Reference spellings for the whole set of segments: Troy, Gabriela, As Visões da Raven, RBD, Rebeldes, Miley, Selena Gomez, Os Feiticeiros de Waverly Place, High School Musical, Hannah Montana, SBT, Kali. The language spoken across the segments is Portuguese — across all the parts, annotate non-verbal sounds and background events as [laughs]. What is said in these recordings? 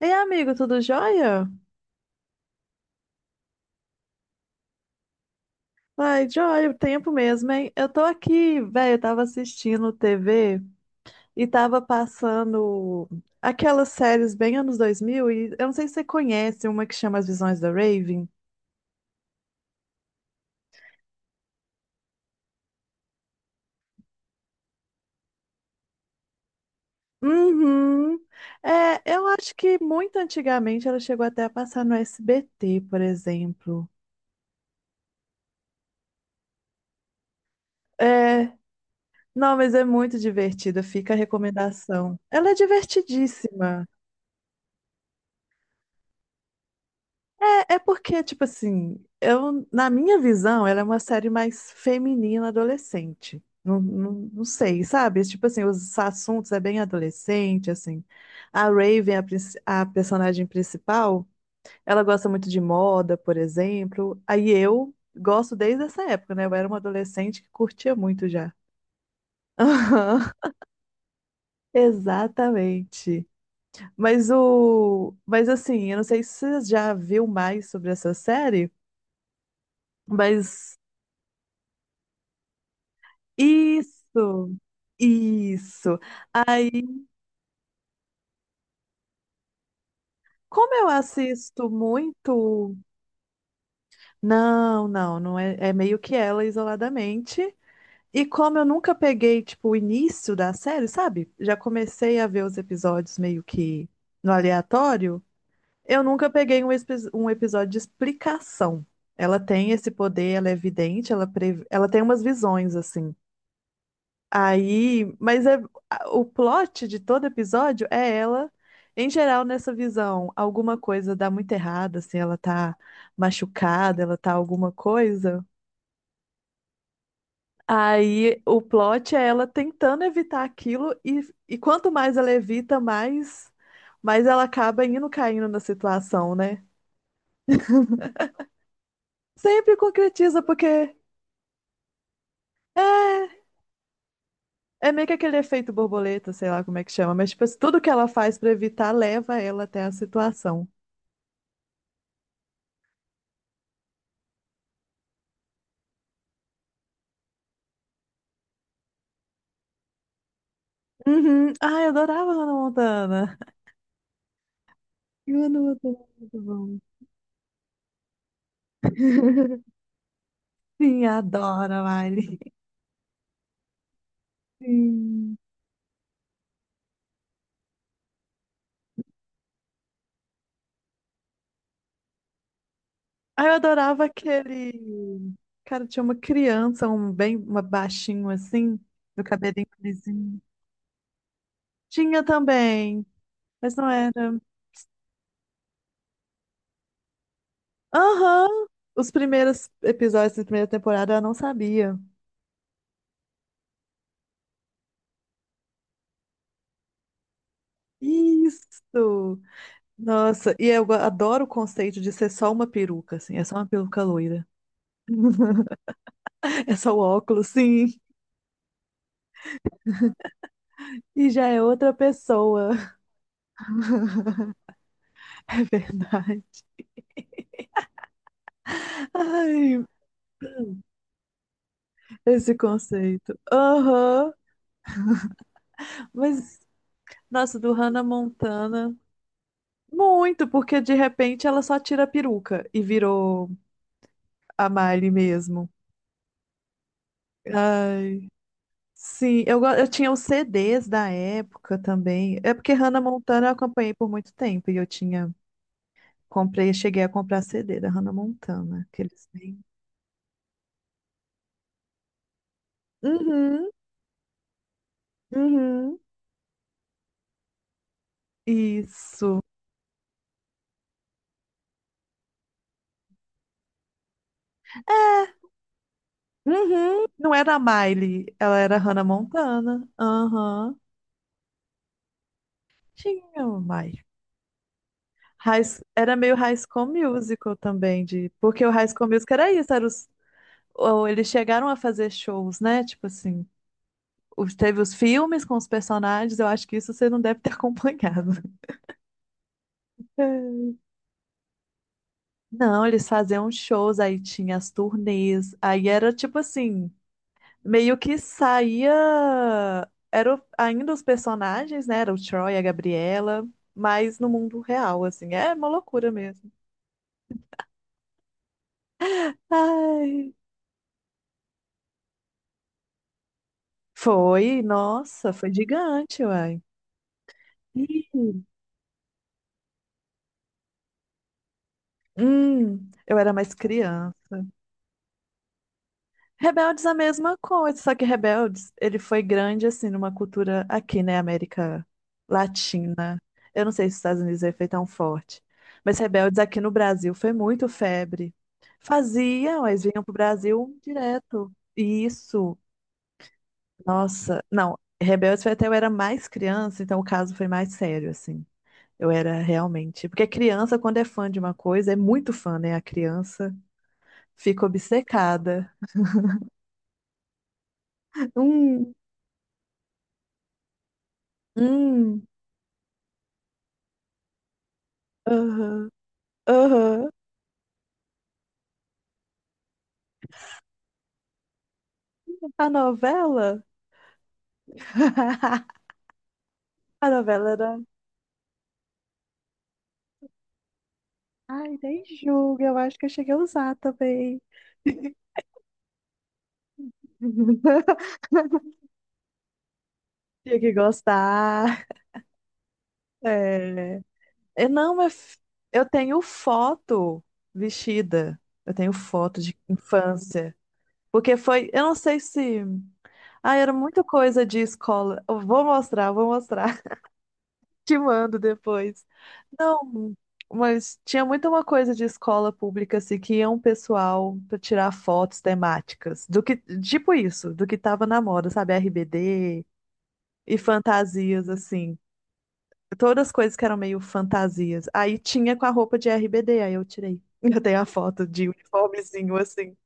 Ei, amigo, tudo jóia? Ai, jóia, o tempo mesmo, hein? Eu tô aqui, velho, eu tava assistindo TV e tava passando aquelas séries bem anos 2000 e eu não sei se você conhece uma que chama As Visões da Raven. Uhum. É, eu acho que muito antigamente ela chegou até a passar no SBT, por exemplo. É, não, mas é muito divertida, fica a recomendação. Ela é divertidíssima. É, é porque, tipo assim, eu, na minha visão, ela é uma série mais feminina adolescente. Não, não, não sei, sabe? Tipo assim, os assuntos é bem adolescente, assim. A Raven, a personagem principal, ela gosta muito de moda, por exemplo. Aí eu gosto desde essa época, né? Eu era uma adolescente que curtia muito já. Aham, [laughs] Exatamente. Mas assim, eu não sei se você já viu mais sobre essa série. Mas Isso, isso. Aí, como eu assisto muito. Não, não, não é, é meio que ela isoladamente. E como eu nunca peguei, tipo, o início da série, sabe? Já comecei a ver os episódios meio que no aleatório. Eu nunca peguei um episódio de explicação. Ela tem esse poder, ela é vidente, ela tem umas visões, assim. Aí, mas é, o plot de todo episódio é ela, em geral, nessa visão. Alguma coisa dá muito errado, assim, ela tá machucada, ela tá alguma coisa. Aí o plot é ela tentando evitar aquilo, e quanto mais ela evita, mais ela acaba indo caindo na situação, né? Sempre concretiza, porque é, é meio que aquele efeito borboleta, sei lá como é que chama, mas tipo, tudo que ela faz pra evitar leva ela até a situação. Uhum. Ai, eu adorava Hannah Montana. [laughs] E Hannah Montana é muito bom. [laughs] Sim, adoro, Miley. Sim. Ai, eu adorava aquele. Cara, tinha uma criança, um bem uma baixinho assim, do cabelinho lisinho. Tinha também, mas não era. Aham! Os primeiros episódios da primeira temporada eu não sabia. Isso! Nossa, e eu adoro o conceito de ser só uma peruca, assim, é só uma peruca loira. [laughs] É só o óculos, sim. E já é outra pessoa. [laughs] É verdade. Ai, esse conceito. Aham. Mas, nossa, do Hannah Montana. Muito, porque de repente ela só tira a peruca e virou a Miley mesmo. Ai, sim, eu tinha os CDs da época também. É porque Hannah Montana eu acompanhei por muito tempo e eu tinha, comprei, cheguei a comprar CD da Hannah Montana, que eles têm. Uhum, uhum. Isso. Uhum. Não era a Miley, ela era a Hannah Montana. Aham. Tinha uma Miley. Era meio High School Musical também, de, porque o High School Musical era isso, era os, ou eles chegaram a fazer shows, né? Tipo assim, teve os filmes com os personagens, eu acho que isso você não deve ter acompanhado. [laughs] É. Não, eles faziam shows, aí tinha as turnês, aí era tipo assim, meio que saía. Eram ainda os personagens, né? Era o Troy, a Gabriela, mas no mundo real, assim. É uma loucura mesmo. Ai, foi, nossa, foi gigante, uai. Ih, eu era mais criança. Rebeldes é a mesma coisa, só que Rebeldes, ele foi grande, assim, numa cultura aqui, né, América Latina. Eu não sei se os Estados Unidos é feito tão forte, mas Rebeldes aqui no Brasil foi muito febre. Faziam, eles vinham pro Brasil direto. E isso, nossa, não, Rebeldes foi até eu era mais criança, então o caso foi mais sério, assim. Eu era realmente, porque criança, quando é fã de uma coisa, é muito fã, né? A criança fica obcecada. Hum, hum. Aham, aham. A novela? [laughs] A novela era. Ai, nem julga, eu acho que eu cheguei a usar também. [laughs] Tinha que gostar. É. Eu não, mas eu tenho foto vestida. Eu tenho foto de infância. Porque foi, eu não sei se. Ah, era muita coisa de escola. Eu vou mostrar, eu vou mostrar. Te mando depois. Não, mas tinha muito uma coisa de escola pública assim que ia um pessoal para tirar fotos temáticas, do que tipo isso, do que tava na moda, sabe, RBD e fantasias assim, todas as coisas que eram meio fantasias. Aí tinha com a roupa de RBD, aí eu tirei. [laughs] Eu tenho a foto de uniformezinho assim.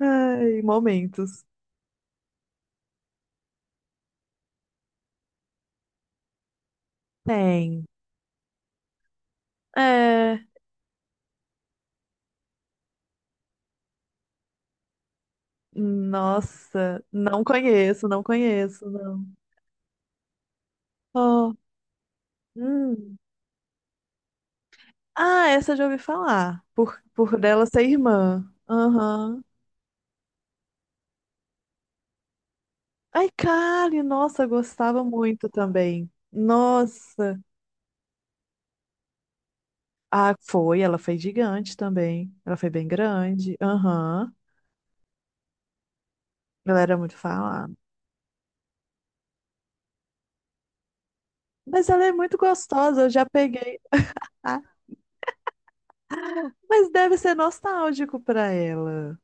Ai, momentos. Tem. É, nossa, não conheço, não conheço, não. Oh, hum. Ah, essa eu já ouvi falar. Por dela ser irmã. Aham. Ai, Kali, nossa, gostava muito também. Nossa. Ah, foi, ela foi gigante também. Ela foi bem grande. Aham. Ela era muito falada. Mas ela é muito gostosa, eu já peguei. Ah, mas deve ser nostálgico pra ela.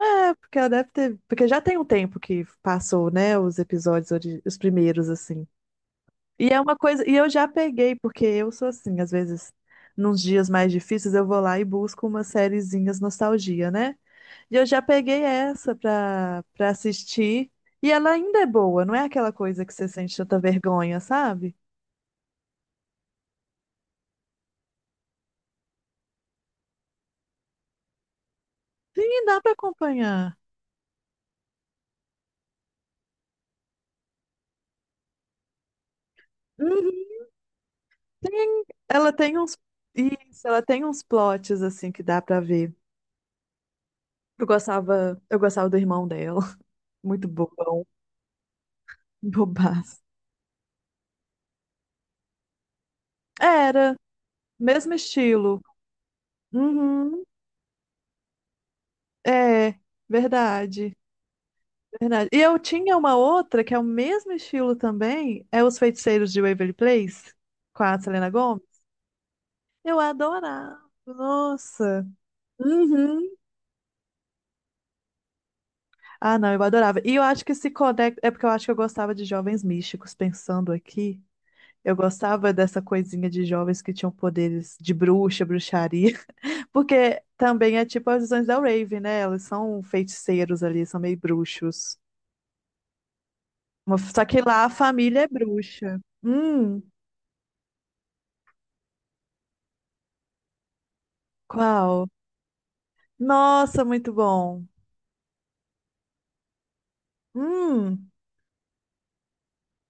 É, porque ela deve ter. Porque já tem um tempo que passou, né? Os episódios, os primeiros, assim. E é uma coisa, e eu já peguei, porque eu sou assim, às vezes, nos dias mais difíceis, eu vou lá e busco umas sériezinhas nostalgia, né? E eu já peguei essa pra, assistir, e ela ainda é boa, não é aquela coisa que você sente tanta vergonha, sabe? Sim, dá pra acompanhar. Uhum. Tem, ela tem uns, isso, ela tem uns plots, assim, que dá pra ver. Eu gostava do irmão dela, [laughs] muito bobão, bobaço. Era, mesmo estilo. Uhum. É, verdade, verdade. E eu tinha uma outra que é o mesmo estilo também, é Os Feiticeiros de Waverly Place, com a Selena Gomez. Eu adorava, nossa. Uhum. Ah, não, eu adorava. E eu acho que se conecta, é porque eu acho que eu gostava de jovens místicos, pensando aqui. Eu gostava dessa coisinha de jovens que tinham poderes de bruxa, bruxaria, [laughs] porque também é tipo as visões da Raven, né? Elas são feiticeiros ali, são meio bruxos. Só que lá a família é bruxa. Qual? Nossa, muito bom. Hum.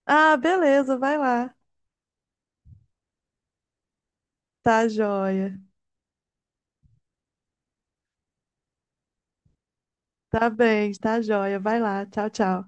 Ah, beleza, vai lá. Tá joia. Tá bem, tá joia. Vai lá. Tchau, tchau.